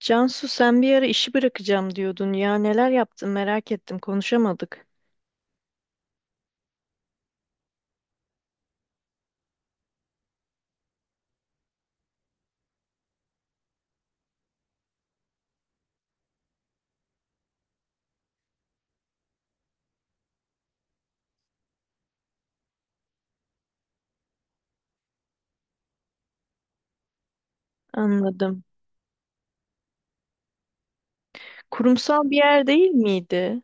Cansu sen bir ara işi bırakacağım diyordun ya, neler yaptın, merak ettim, konuşamadık. Anladım. Kurumsal bir yer değil miydi?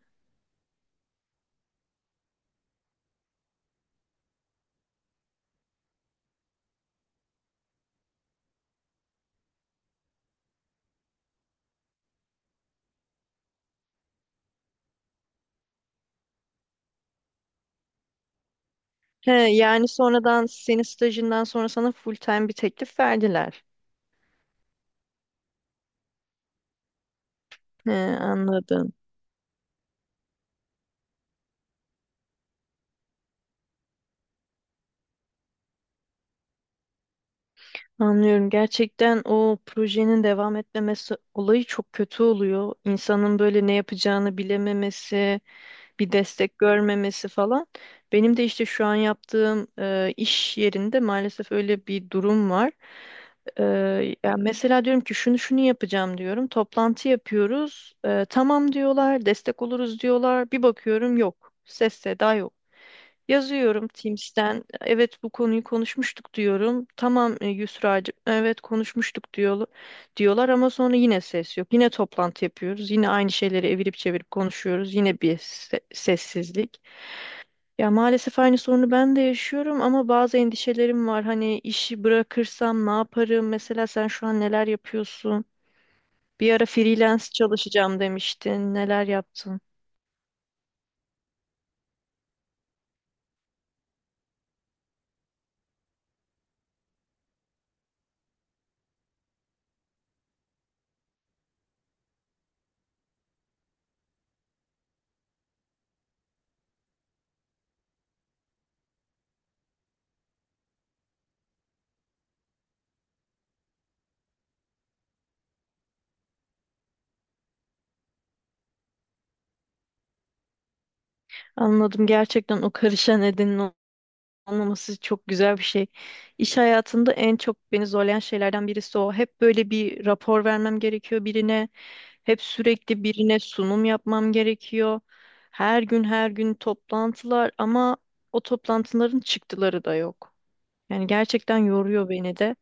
He, yani sonradan senin stajından sonra sana full time bir teklif verdiler. He, anladım. Anlıyorum. Gerçekten o projenin devam etmemesi olayı çok kötü oluyor. İnsanın böyle ne yapacağını bilememesi, bir destek görmemesi falan. Benim de işte şu an yaptığım iş yerinde maalesef öyle bir durum var. E, ya mesela diyorum ki şunu şunu yapacağım diyorum. Toplantı yapıyoruz. Tamam diyorlar, destek oluruz diyorlar. Bir bakıyorum yok. Ses seda yok. Yazıyorum Teams'ten. Evet bu konuyu konuşmuştuk diyorum. Tamam Yusra'cığım evet konuşmuştuk diyor, diyorlar ama sonra yine ses yok. Yine toplantı yapıyoruz. Yine aynı şeyleri evirip çevirip konuşuyoruz. Yine bir sessizlik. Ya maalesef aynı sorunu ben de yaşıyorum ama bazı endişelerim var. Hani işi bırakırsam ne yaparım? Mesela sen şu an neler yapıyorsun? Bir ara freelance çalışacağım demiştin. Neler yaptın? Anladım, gerçekten o karışan nedenin anlaması çok güzel bir şey. İş hayatında en çok beni zorlayan şeylerden birisi o. Hep böyle bir rapor vermem gerekiyor birine. Hep sürekli birine sunum yapmam gerekiyor. Her gün her gün toplantılar ama o toplantıların çıktıları da yok. Yani gerçekten yoruyor beni de.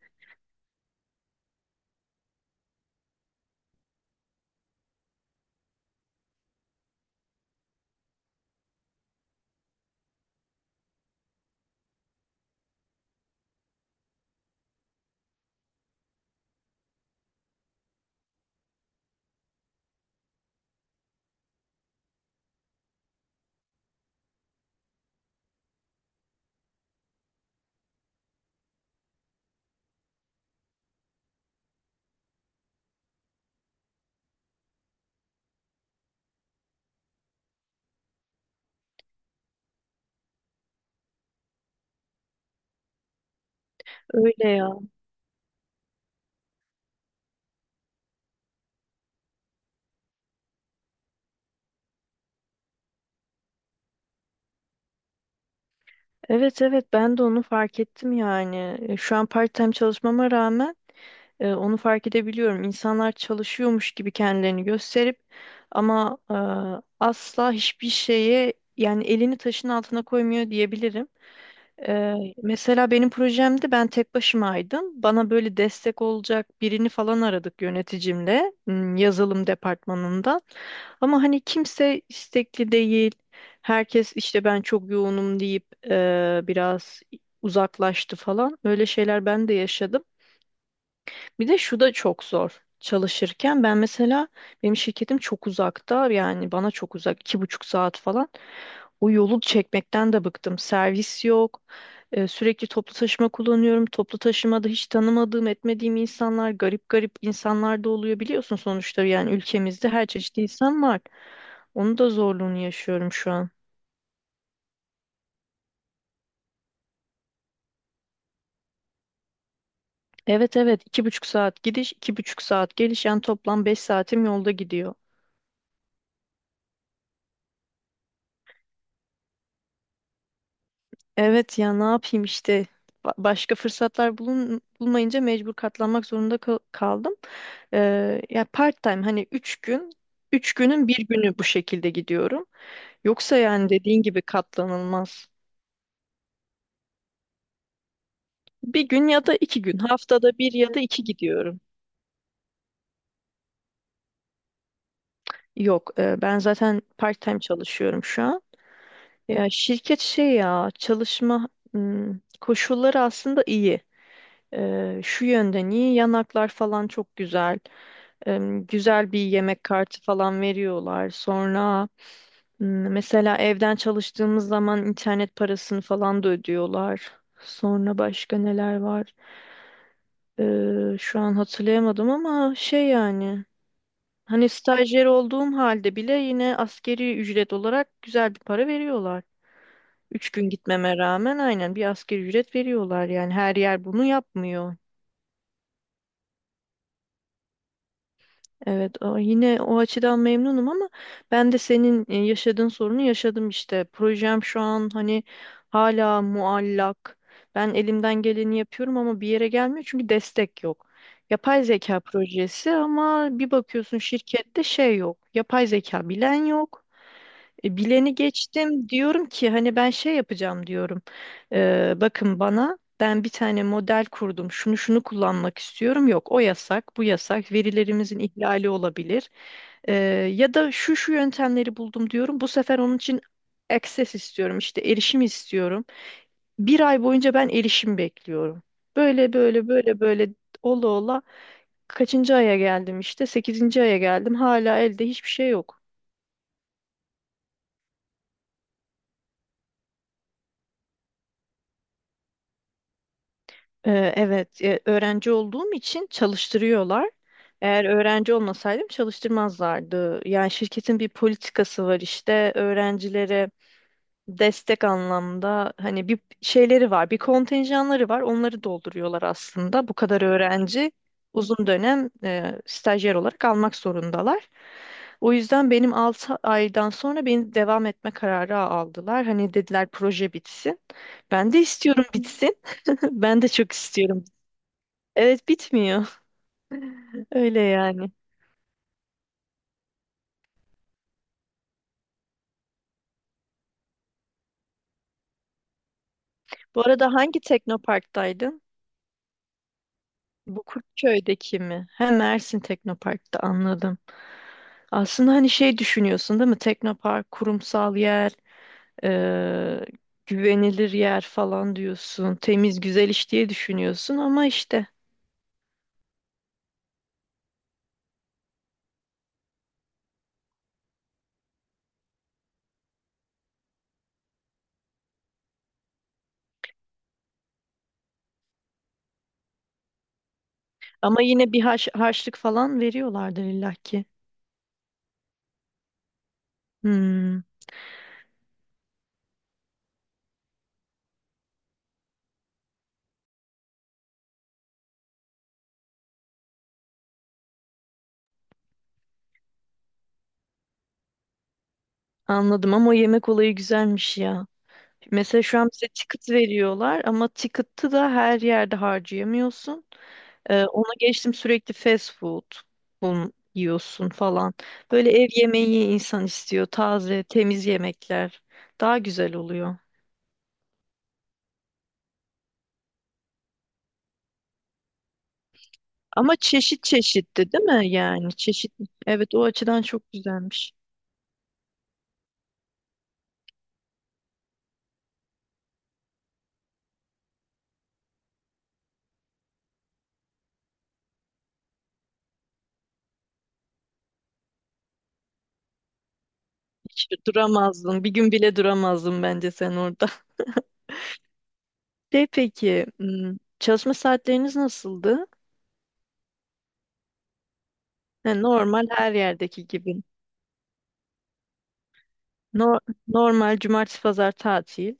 Öyle ya. Evet evet, ben de onu fark ettim yani. Şu an part-time çalışmama rağmen onu fark edebiliyorum. İnsanlar çalışıyormuş gibi kendilerini gösterip ama asla hiçbir şeye yani elini taşın altına koymuyor diyebilirim. E, mesela benim projemde ben tek başımaydım. Bana böyle destek olacak birini falan aradık yöneticimle, yazılım departmanından. Ama hani kimse istekli değil. Herkes işte ben çok yoğunum deyip biraz uzaklaştı falan. Öyle şeyler ben de yaşadım. Bir de şu da çok zor. Çalışırken ben mesela benim şirketim çok uzakta, yani bana çok uzak, iki buçuk saat falan. O yolu çekmekten de bıktım. Servis yok. Sürekli toplu taşıma kullanıyorum. Toplu taşımada hiç tanımadığım etmediğim insanlar, garip garip insanlar da oluyor, biliyorsun sonuçta yani ülkemizde her çeşit insan var. Onun da zorluğunu yaşıyorum şu an. Evet evet, iki buçuk saat gidiş iki buçuk saat geliş, yani toplam beş saatim yolda gidiyor. Evet ya, ne yapayım işte. Başka fırsatlar bulun, bulmayınca mecbur katlanmak zorunda kaldım. Ya part time hani üç günün bir günü bu şekilde gidiyorum. Yoksa yani dediğin gibi katlanılmaz. Bir gün ya da iki gün, haftada bir ya da iki gidiyorum. Yok ben zaten part time çalışıyorum şu an. Ya şirket şey, ya çalışma koşulları aslında iyi. Şu yönden iyi, yanaklar falan çok güzel. Güzel bir yemek kartı falan veriyorlar. Sonra, mesela evden çalıştığımız zaman internet parasını falan da ödüyorlar. Sonra başka neler var? Şu an hatırlayamadım ama şey yani hani stajyer olduğum halde bile yine askeri ücret olarak güzel bir para veriyorlar. Üç gün gitmeme rağmen aynen bir asgari ücret veriyorlar, yani her yer bunu yapmıyor. Evet, yine o açıdan memnunum ama ben de senin yaşadığın sorunu yaşadım işte. Projem şu an hani hala muallak. Ben elimden geleni yapıyorum ama bir yere gelmiyor çünkü destek yok. Yapay zeka projesi ama bir bakıyorsun şirkette şey yok, yapay zeka bilen yok. Bileni geçtim, diyorum ki hani ben şey yapacağım diyorum. Bakın bana, ben bir tane model kurdum. Şunu şunu kullanmak istiyorum. Yok o yasak, bu yasak. Verilerimizin ihlali olabilir. E, ya da şu şu yöntemleri buldum diyorum. Bu sefer onun için access istiyorum, işte erişim istiyorum. Bir ay boyunca ben erişim bekliyorum. Böyle böyle böyle böyle, ola ola kaçıncı aya geldim işte, sekizinci aya geldim. Hala elde hiçbir şey yok. Evet, öğrenci olduğum için çalıştırıyorlar. Eğer öğrenci olmasaydım çalıştırmazlardı. Yani şirketin bir politikası var işte, öğrencilere destek anlamda hani bir şeyleri var, bir kontenjanları var. Onları dolduruyorlar aslında. Bu kadar öğrenci uzun dönem stajyer olarak almak zorundalar. O yüzden benim 6 aydan sonra beni devam etme kararı aldılar. Hani dediler proje bitsin. Ben de istiyorum bitsin. Ben de çok istiyorum. Evet, bitmiyor. Öyle yani. Bu arada hangi teknoparktaydın? Bu Kurtköy'deki mi? He, Mersin Teknopark'ta, anladım. Aslında hani şey düşünüyorsun değil mi? Teknopark, kurumsal yer, eee, güvenilir yer falan diyorsun. Temiz, güzel iş diye düşünüyorsun ama işte. Ama yine bir harçlık falan veriyorlardır illaki. Hmm, anladım, ama o yemek olayı güzelmiş ya. Mesela şu an bize ticket veriyorlar ama ticket'ı da her yerde harcayamıyorsun. Ona geçtim sürekli fast food yiyorsun falan. Böyle ev yemeği insan istiyor. Taze, temiz yemekler daha güzel oluyor. Ama çeşit çeşitti değil mi? Yani çeşit. Evet, o açıdan çok güzelmiş. Hiç duramazdın. Bir gün bile duramazdın bence sen orada. De peki, çalışma saatleriniz nasıldı? Ha, normal her yerdeki gibi. No- normal, cumartesi pazar tatil.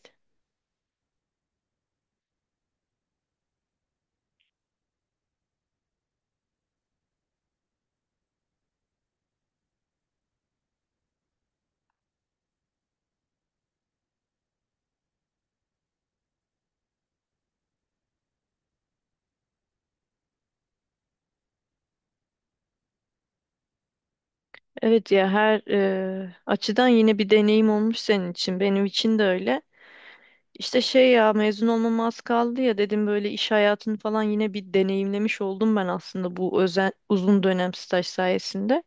Evet ya, her açıdan yine bir deneyim olmuş senin için. Benim için de öyle. İşte şey, ya mezun olmama az kaldı ya dedim, böyle iş hayatını falan yine bir deneyimlemiş oldum ben aslında bu uzun dönem staj sayesinde.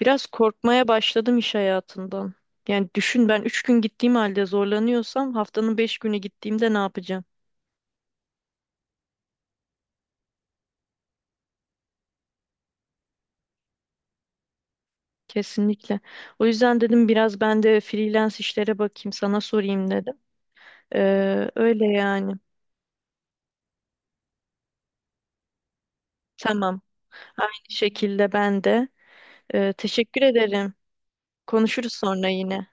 Biraz korkmaya başladım iş hayatından. Yani düşün, ben 3 gün gittiğim halde zorlanıyorsam haftanın 5 günü gittiğimde ne yapacağım? Kesinlikle. O yüzden dedim biraz ben de freelance işlere bakayım, sana sorayım dedim. Öyle yani. Tamam. Aynı şekilde ben de. Teşekkür ederim. Konuşuruz sonra yine.